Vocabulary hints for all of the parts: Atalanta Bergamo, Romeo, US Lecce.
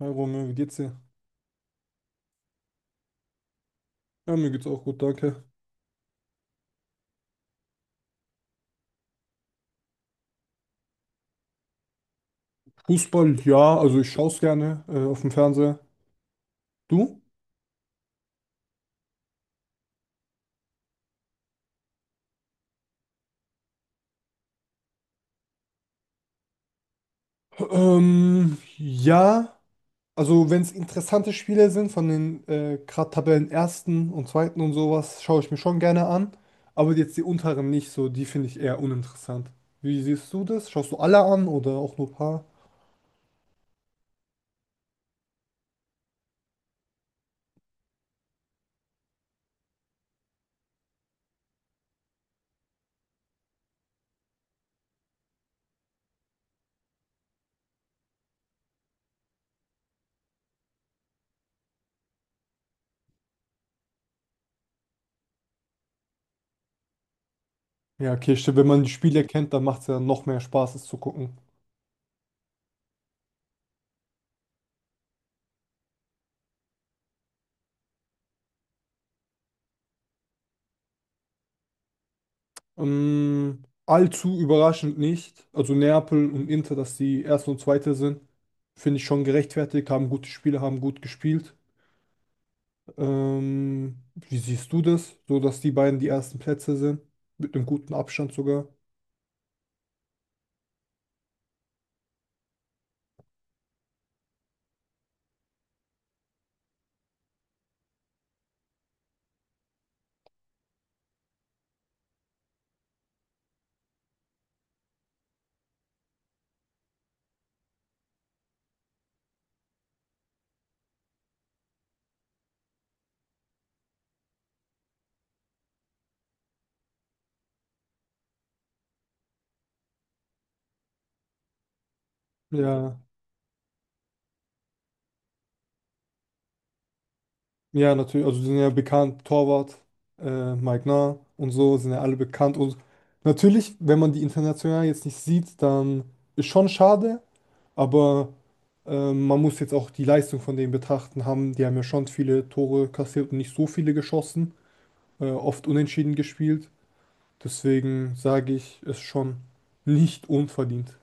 Hi Romeo, wie geht's dir? Ja, mir geht's auch gut, danke. Fußball, ja, also ich schaue es gerne auf dem Fernseher. Du? Ja, also wenn es interessante Spiele sind von den gerade Tabellenersten und Zweiten und sowas, schaue ich mir schon gerne an. Aber jetzt die unteren nicht so, die finde ich eher uninteressant. Wie siehst du das? Schaust du alle an oder auch nur ein paar? Ja, okay, stimmt, wenn man die Spiele kennt, dann macht es ja noch mehr Spaß, es zu gucken. Allzu überraschend nicht. Also Neapel und Inter, dass die Erste und Zweite sind, finde ich schon gerechtfertigt, haben gute Spiele, haben gut gespielt. Wie siehst du das? So, dass die beiden die ersten Plätze sind, mit einem guten Abstand sogar. Ja, ja, natürlich, also die sind ja bekannt, Torwart, Mike Nah und so, sind ja alle bekannt. Und natürlich, wenn man die international jetzt nicht sieht, dann ist schon schade, aber man muss jetzt auch die Leistung von denen betrachten haben. Die haben ja schon viele Tore kassiert und nicht so viele geschossen, oft unentschieden gespielt. Deswegen sage ich, ist schon nicht unverdient.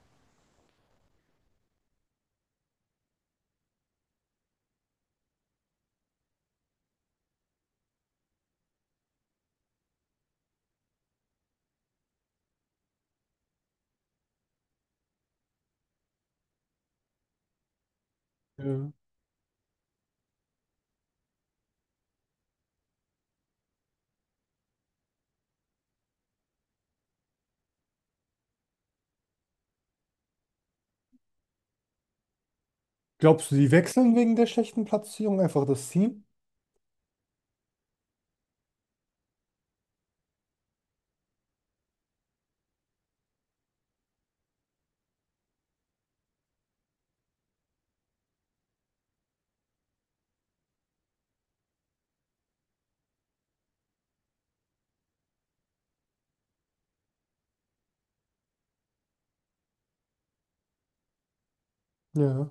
Ja. Glaubst du, die wechseln wegen der schlechten Platzierung einfach das Team? Ja.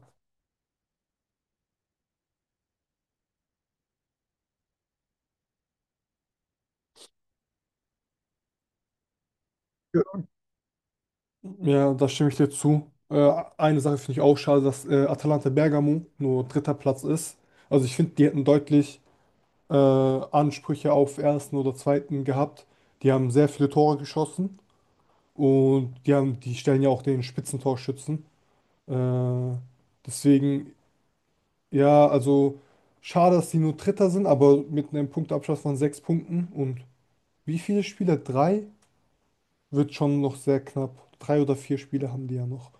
Ja, Ja, da stimme ich dir zu. Eine Sache finde ich auch schade, dass Atalanta Bergamo nur dritter Platz ist. Also ich finde, die hätten deutlich Ansprüche auf ersten oder zweiten gehabt. Die haben sehr viele Tore geschossen. Und die haben, die stellen ja auch den Spitzentorschützen. Äh, Deswegen, ja, also schade, dass die nur Dritter sind, aber mit einem Punktabstand von sechs Punkten und wie viele Spiele? Drei? Wird schon noch sehr knapp. Drei oder vier Spiele haben die ja noch.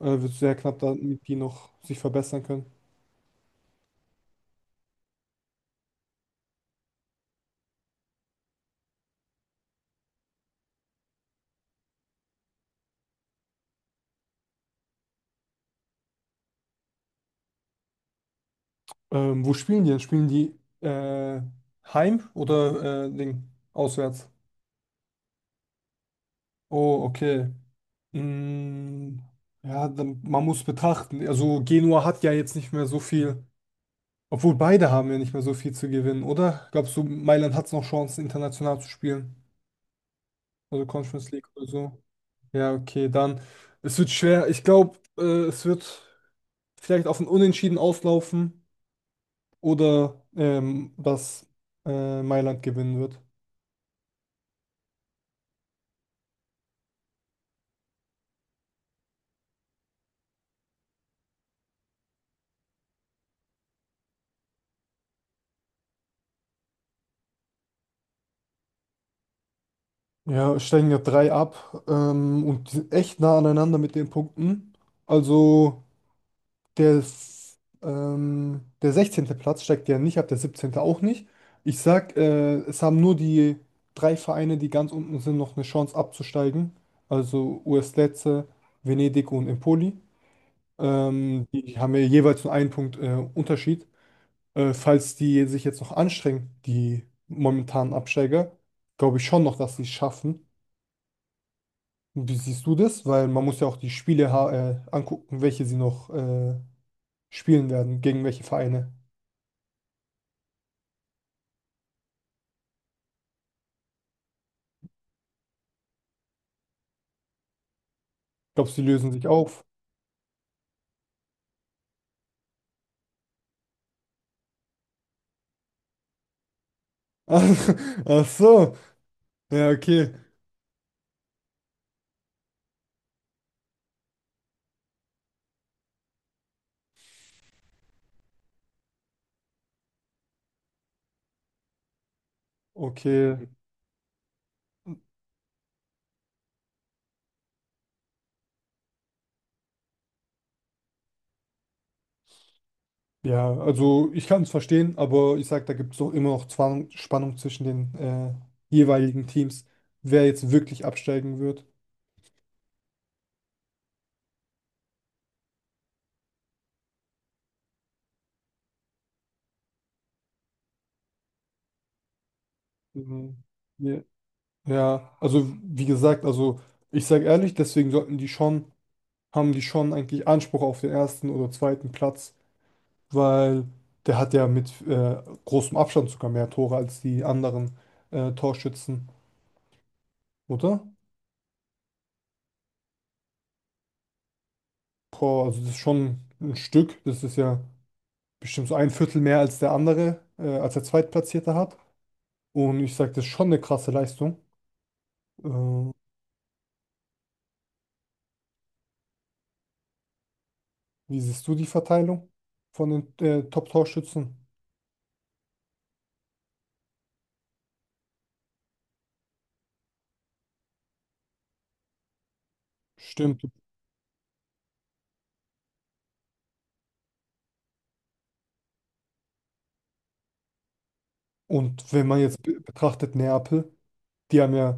Wird sehr knapp, damit die noch sich verbessern können. Wo spielen die denn? Spielen die äh, heim oder Ding? Auswärts? Oh, okay. Mm, Ja, dann, man muss betrachten. Also Genua hat ja jetzt nicht mehr so viel, obwohl beide haben ja nicht mehr so viel zu gewinnen, oder? Glaubst du, Mailand hat es noch Chancen, international zu spielen? Also Conference League oder so? Ja, okay, dann. Es wird schwer. Ich glaube, es wird vielleicht auf ein Unentschieden auslaufen oder dass Mailand gewinnen wird. Ja, steigen ja drei ab und die sind echt nah aneinander mit den Punkten. Also. Der 16. Platz steigt ja nicht ab, der siebzehnte auch nicht. Ich sag, es haben nur die drei Vereine, die ganz unten sind, noch eine Chance abzusteigen. Also US Lecce, Venedig und Empoli. Die haben ja jeweils nur einen Punkt Unterschied. Falls die sich jetzt noch anstrengen, die momentanen Absteiger, glaube ich schon noch, dass sie es schaffen. Und wie siehst du das? Weil man muss ja auch die Spiele angucken, welche sie noch spielen werden, gegen welche Vereine. Glaubst du, die lösen sich auf? Ach so. Ja, okay. Okay. Ja, also ich kann es verstehen, aber ich sag, da gibt es doch immer noch Zwang, Spannung zwischen den jeweiligen Teams, wer jetzt wirklich absteigen wird. Mhm. Ja, Ja, also wie gesagt, also ich sage ehrlich, deswegen sollten die schon, haben die schon eigentlich Anspruch auf den ersten oder zweiten Platz, weil der hat ja mit großem Abstand sogar mehr Tore als die anderen Torschützen, oder? Boah, also das ist schon ein Stück. Das ist ja bestimmt so ein Viertel mehr als der andere, als der Zweitplatzierte hat. Und ich sage, das ist schon eine krasse Leistung. Äh, Wie siehst du die Verteilung von den Top-Torschützen? Stimmt. Und wenn man jetzt be betrachtet, Neapel, die haben ja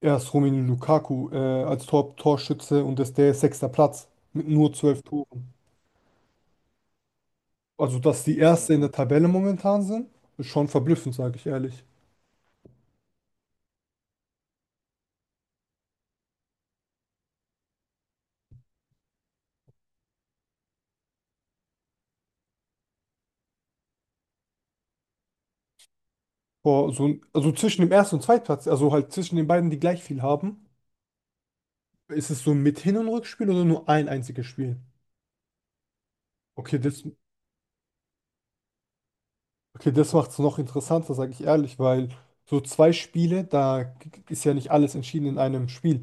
erst Romelu Lukaku als Top-Torschütze und das ist der sechster Platz mit nur 12 Toren. Also, dass die Erste in der Tabelle momentan sind, ist schon verblüffend, sage ich ehrlich. Boah, so, also zwischen dem ersten und Zweitplatz, also halt zwischen den beiden, die gleich viel haben, ist es so mit Hin- und Rückspiel oder nur ein einziges Spiel? Okay, das, okay, das macht es noch interessanter, sage ich ehrlich, weil so zwei Spiele, da ist ja nicht alles entschieden in einem Spiel.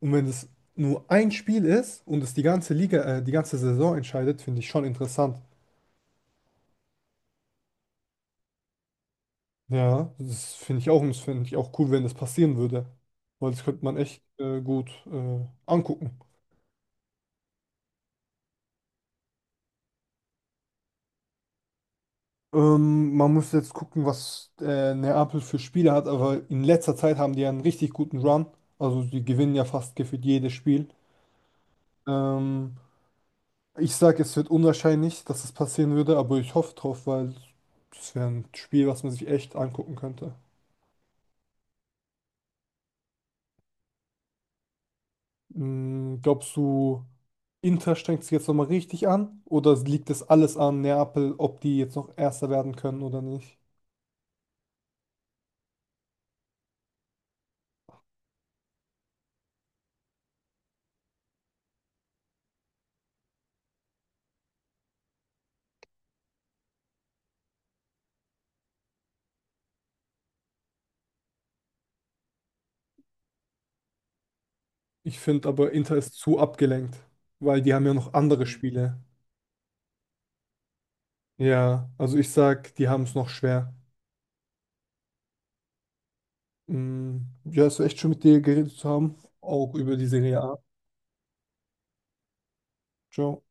Und wenn es nur ein Spiel ist und es die ganze Saison entscheidet, finde ich schon interessant. Ja, das finde ich auch und das finde ich auch cool, wenn das passieren würde. Weil das könnte man echt gut angucken. Man muss jetzt gucken, was Neapel für Spiele hat, aber in letzter Zeit haben die ja einen richtig guten Run. Also die gewinnen ja fast gefühlt jedes Spiel. Ähm, Ich sage, es wird unwahrscheinlich, dass es passieren würde, aber ich hoffe drauf, weil es wäre ein Spiel, was man sich echt angucken könnte. Glaubst du, Inter strengt sich jetzt nochmal richtig an? Oder liegt es alles an Neapel, ob die jetzt noch Erster werden können oder nicht? Ich finde aber, Inter ist zu abgelenkt, weil die haben ja noch andere Spiele. Ja, also ich sag, die haben es noch schwer. Mm, Ja, es war echt schön mit dir geredet zu haben, auch über die Serie A. Ciao.